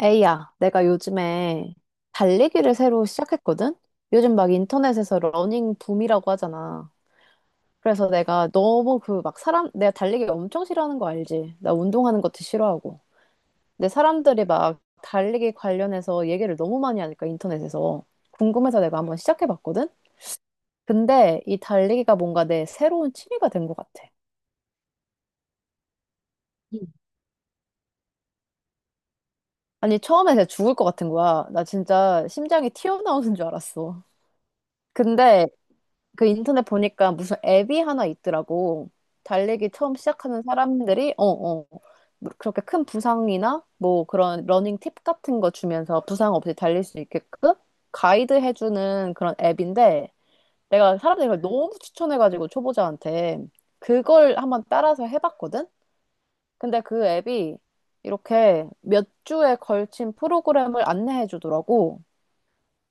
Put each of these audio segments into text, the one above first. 에이야, 내가 요즘에 달리기를 새로 시작했거든? 요즘 막 인터넷에서 러닝 붐이라고 하잖아. 그래서 내가 너무 내가 달리기 엄청 싫어하는 거 알지? 나 운동하는 것도 싫어하고. 근데 사람들이 막 달리기 관련해서 얘기를 너무 많이 하니까 인터넷에서. 궁금해서 내가 한번 시작해봤거든? 근데 이 달리기가 뭔가 내 새로운 취미가 된 것 같아. 음. 아니, 처음에 내가 죽을 것 같은 거야. 나 진짜 심장이 튀어나오는 줄 알았어. 근데 그 인터넷 보니까 무슨 앱이 하나 있더라고. 달리기 처음 시작하는 사람들이, 뭐 그렇게 큰 부상이나 뭐 그런 러닝 팁 같은 거 주면서 부상 없이 달릴 수 있게끔 가이드 해주는 그런 앱인데 내가 사람들이 그걸 너무 추천해가지고 초보자한테 그걸 한번 따라서 해봤거든? 근데 그 앱이 이렇게 몇 주에 걸친 프로그램을 안내해 주더라고.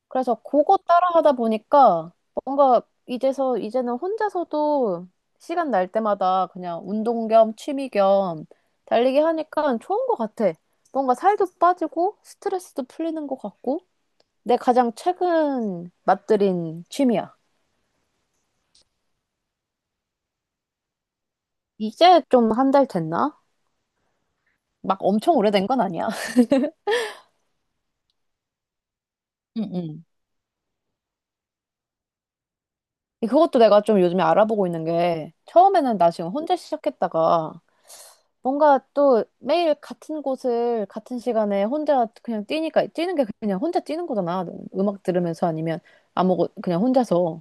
그래서 그거 따라 하다 보니까 뭔가 이제서 이제는 혼자서도 시간 날 때마다 그냥 운동 겸 취미 겸 달리기 하니까 좋은 것 같아. 뭔가 살도 빠지고 스트레스도 풀리는 것 같고 내 가장 최근 맛들인 취미야. 이제 좀 한 달 됐나? 막 엄청 오래된 건 아니야. 응, 응. 그것도 내가 좀 요즘에 알아보고 있는 게 처음에는 나 지금 혼자 시작했다가 뭔가 또 매일 같은 곳을 같은 시간에 혼자 그냥 뛰니까 뛰는 게 그냥 혼자 뛰는 거잖아. 음악 들으면서 아니면 아무것 그냥 혼자서.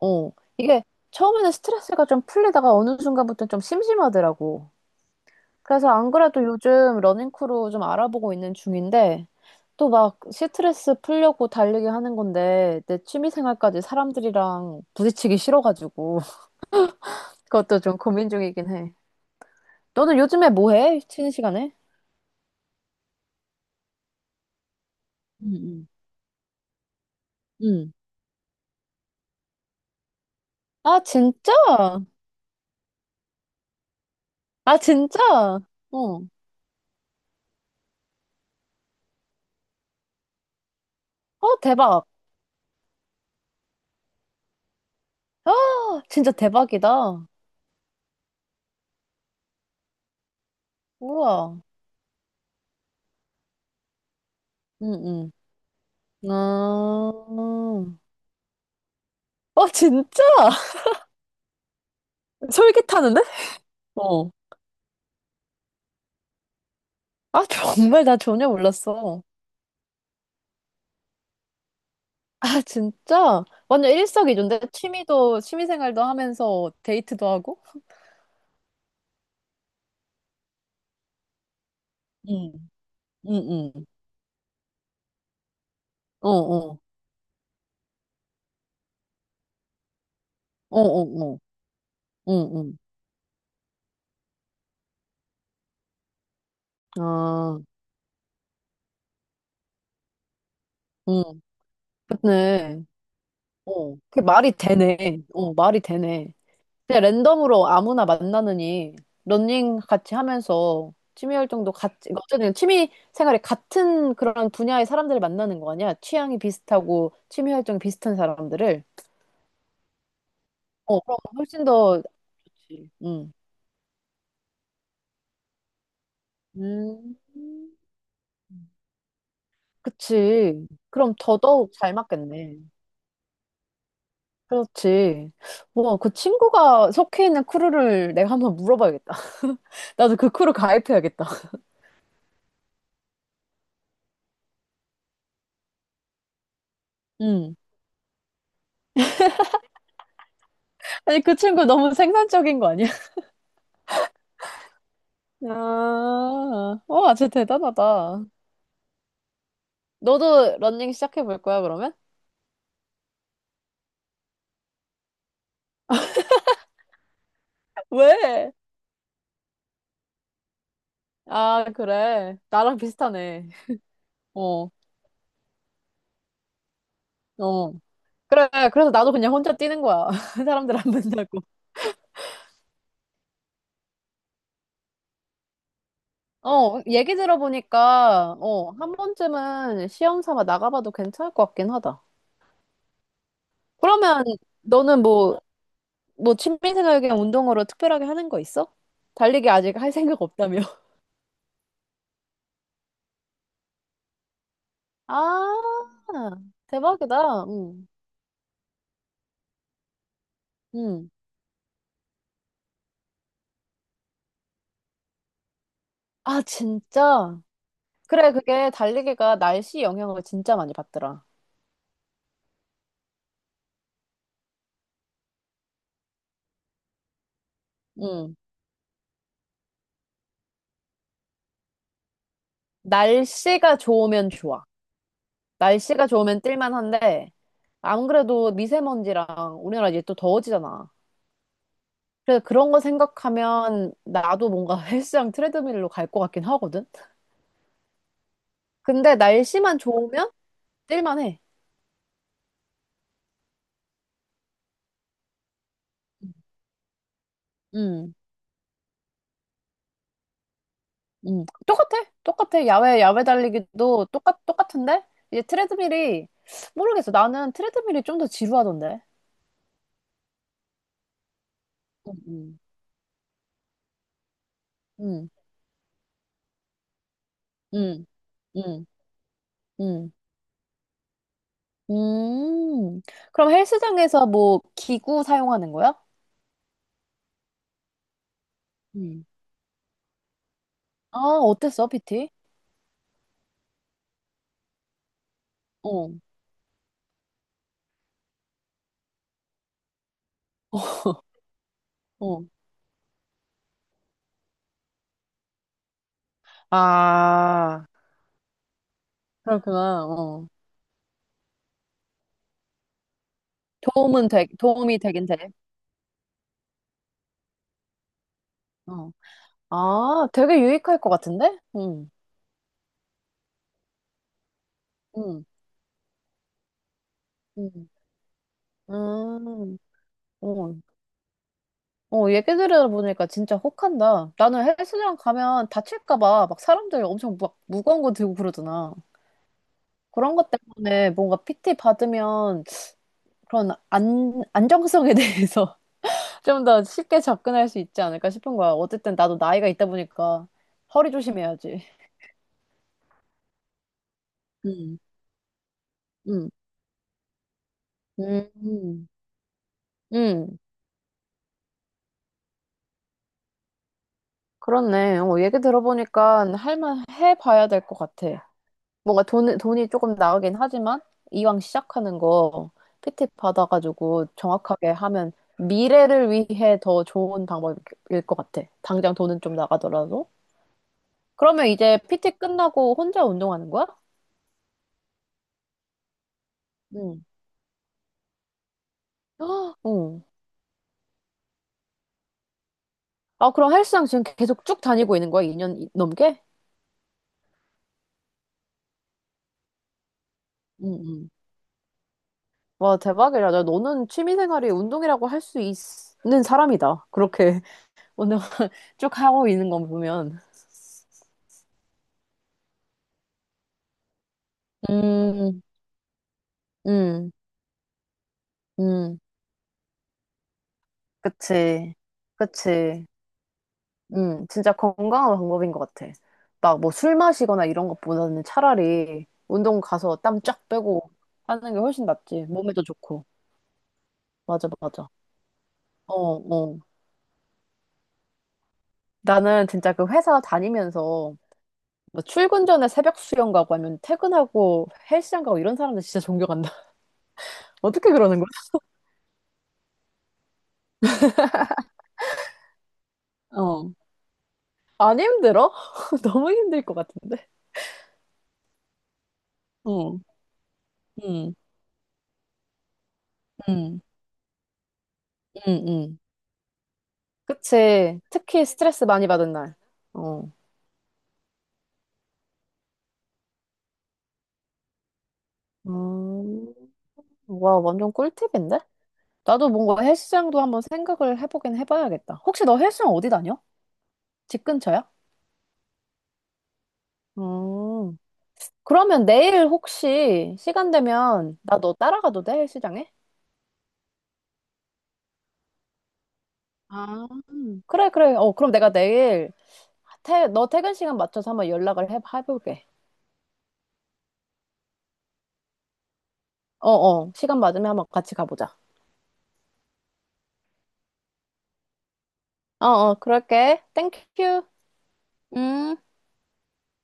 어. 이게 처음에는 스트레스가 좀 풀리다가 어느 순간부터 좀 심심하더라고. 그래서 안 그래도 요즘 러닝크루 좀 알아보고 있는 중인데 또 막 스트레스 풀려고 달리기 하는 건데 내 취미 생활까지 사람들이랑 부딪히기 싫어가지고 그것도 좀 고민 중이긴 해. 너는 요즘에 뭐 해? 쉬는 시간에? 응 응 응. 아, 진짜? 아, 진짜? 어. 어, 대박. 아, 진짜 대박이다. 우와. 응, 응. 아, 어, 진짜? 솔깃하는데? 어. 아, 정말 나 전혀 몰랐어. 아, 진짜? 완전 일석이조인데? 취미도, 취미생활도 하면서 데이트도 하고? 응, 응, 응. 어, 어. 어, 어, 어. 응, 응. 아, 응. 그네. 어. 그게 말이 되네. 어, 말이 되네. 그냥 랜덤으로 아무나 만나느니 러닝 같이 하면서 취미 활동도 같이 어쨌든 취미 생활에 같은 그런 분야의 사람들을 만나는 거 아니야? 취향이 비슷하고 취미 활동이 비슷한 사람들을 어 그럼 훨씬 더 좋지. 응. 음. 그치. 그럼 더더욱 잘 맞겠네. 그렇지. 뭐, 그 친구가 속해 있는 크루를 내가 한번 물어봐야겠다. 나도 그 크루 가입해야겠다. 음. 아니, 그 친구 너무 생산적인 거 아니야? 아, 어, 진짜 대단하다. 너도 러닝 시작해 볼 거야, 그러면? 왜? 아, 그래. 나랑 비슷하네. 어, 어. 그래. 그래서 나도 그냥 혼자 뛰는 거야. 사람들 안 만나고. 어, 얘기 들어보니까, 어, 한 번쯤은 시험 삼아 나가봐도 괜찮을 것 같긴 하다. 그러면 너는 뭐, 뭐 취미생활 그냥 운동으로 특별하게 하는 거 있어? 달리기 아직 할 생각 없다며. 아, 대박이다. 응, 응. 아, 진짜? 그래, 그게 달리기가 날씨 영향을 진짜 많이 받더라. 응. 날씨가 좋으면 좋아. 날씨가 좋으면 뛸만한데, 안 그래도 미세먼지랑 우리나라 이제 또 더워지잖아. 그래서 그런 거 생각하면 나도 뭔가 헬스장 트레드밀로 갈 것 같긴 하거든? 근데 날씨만 좋으면 뛸만해. 응, 응. 똑같아. 똑같아. 야외 달리기도 똑같은데? 이제 트레드밀이, 모르겠어. 나는 트레드밀이 좀 더 지루하던데. 응, 응. 응. 음, 음, 음. 음. 그럼 헬스장에서 뭐 기구 사용하는 거야? 음. 아, 어땠어, PT? 어, 어. 아, 그렇구나. 어. 도움이 되긴 돼. 어. 아, 되게 유익할 것 같은데? 응, 응, 응. 음, 어. 어, 얘기 들어보니까 진짜 혹한다. 나는 헬스장 가면 다칠까 봐 막 사람들 엄청 막 무거운 거 들고 그러잖아. 그런 것 때문에 뭔가 PT 받으면 그런 안, 안정성에 대해서 좀 더 쉽게 접근할 수 있지 않을까 싶은 거야. 어쨌든 나도 나이가 있다 보니까 허리 조심해야지. 음, 음. 음, 음, 음. 그렇네. 어, 얘기 들어보니까 할만 해봐야 될 것 같아. 뭔가 돈이 조금 나가긴 하지만 이왕 시작하는 거 PT 받아가지고 정확하게 하면 미래를 위해 더 좋은 방법일 것 같아. 당장 돈은 좀 나가더라도. 그러면 이제 PT 끝나고 혼자 운동하는 거야? 헉, 어. 아, 그럼 헬스장 지금 계속 쭉 다니고 있는 거야? 2년 넘게? 응, 응. 와, 대박이다. 야, 너는 취미생활이 운동이라고 할 수 있는 사람이다. 그렇게 운동을 쭉 하고 있는 건 보면. 음, 음, 음. 그치. 그치. 진짜 건강한 방법인 것 같아. 막 뭐 술 마시거나 이런 것보다는 차라리 운동 가서 땀 쫙 빼고 하는 게 훨씬 낫지. 몸에도 좋고. 맞아, 맞아. 어, 어. 나는 진짜 그 회사 다니면서 뭐 출근 전에 새벽 수영 가고 아니면 퇴근하고 헬스장 가고 이런 사람들 진짜 존경한다. 어떻게 그러는 거야? 어, 안 힘들어? 너무 힘들 것 같은데. 어, 응, 응, 응, 응. 그치. 특히 스트레스 많이 받은 날. 어. 음, 와, 완전 꿀팁인데? 나도 뭔가 헬스장도 한번 생각을 해보긴 해봐야겠다. 혹시 너 헬스장 어디 다녀? 집 근처야? 음. 그러면 내일 혹시 시간 되면 나 너 따라가도 돼? 헬스장에? 아, 그래, 그래. 어, 그럼 내가 내일 너 퇴근 시간 맞춰서 한번 연락을 해볼게. 어, 어. 시간 맞으면 한번 같이 가보자. 어, 어. 그럴게. 땡큐. 음.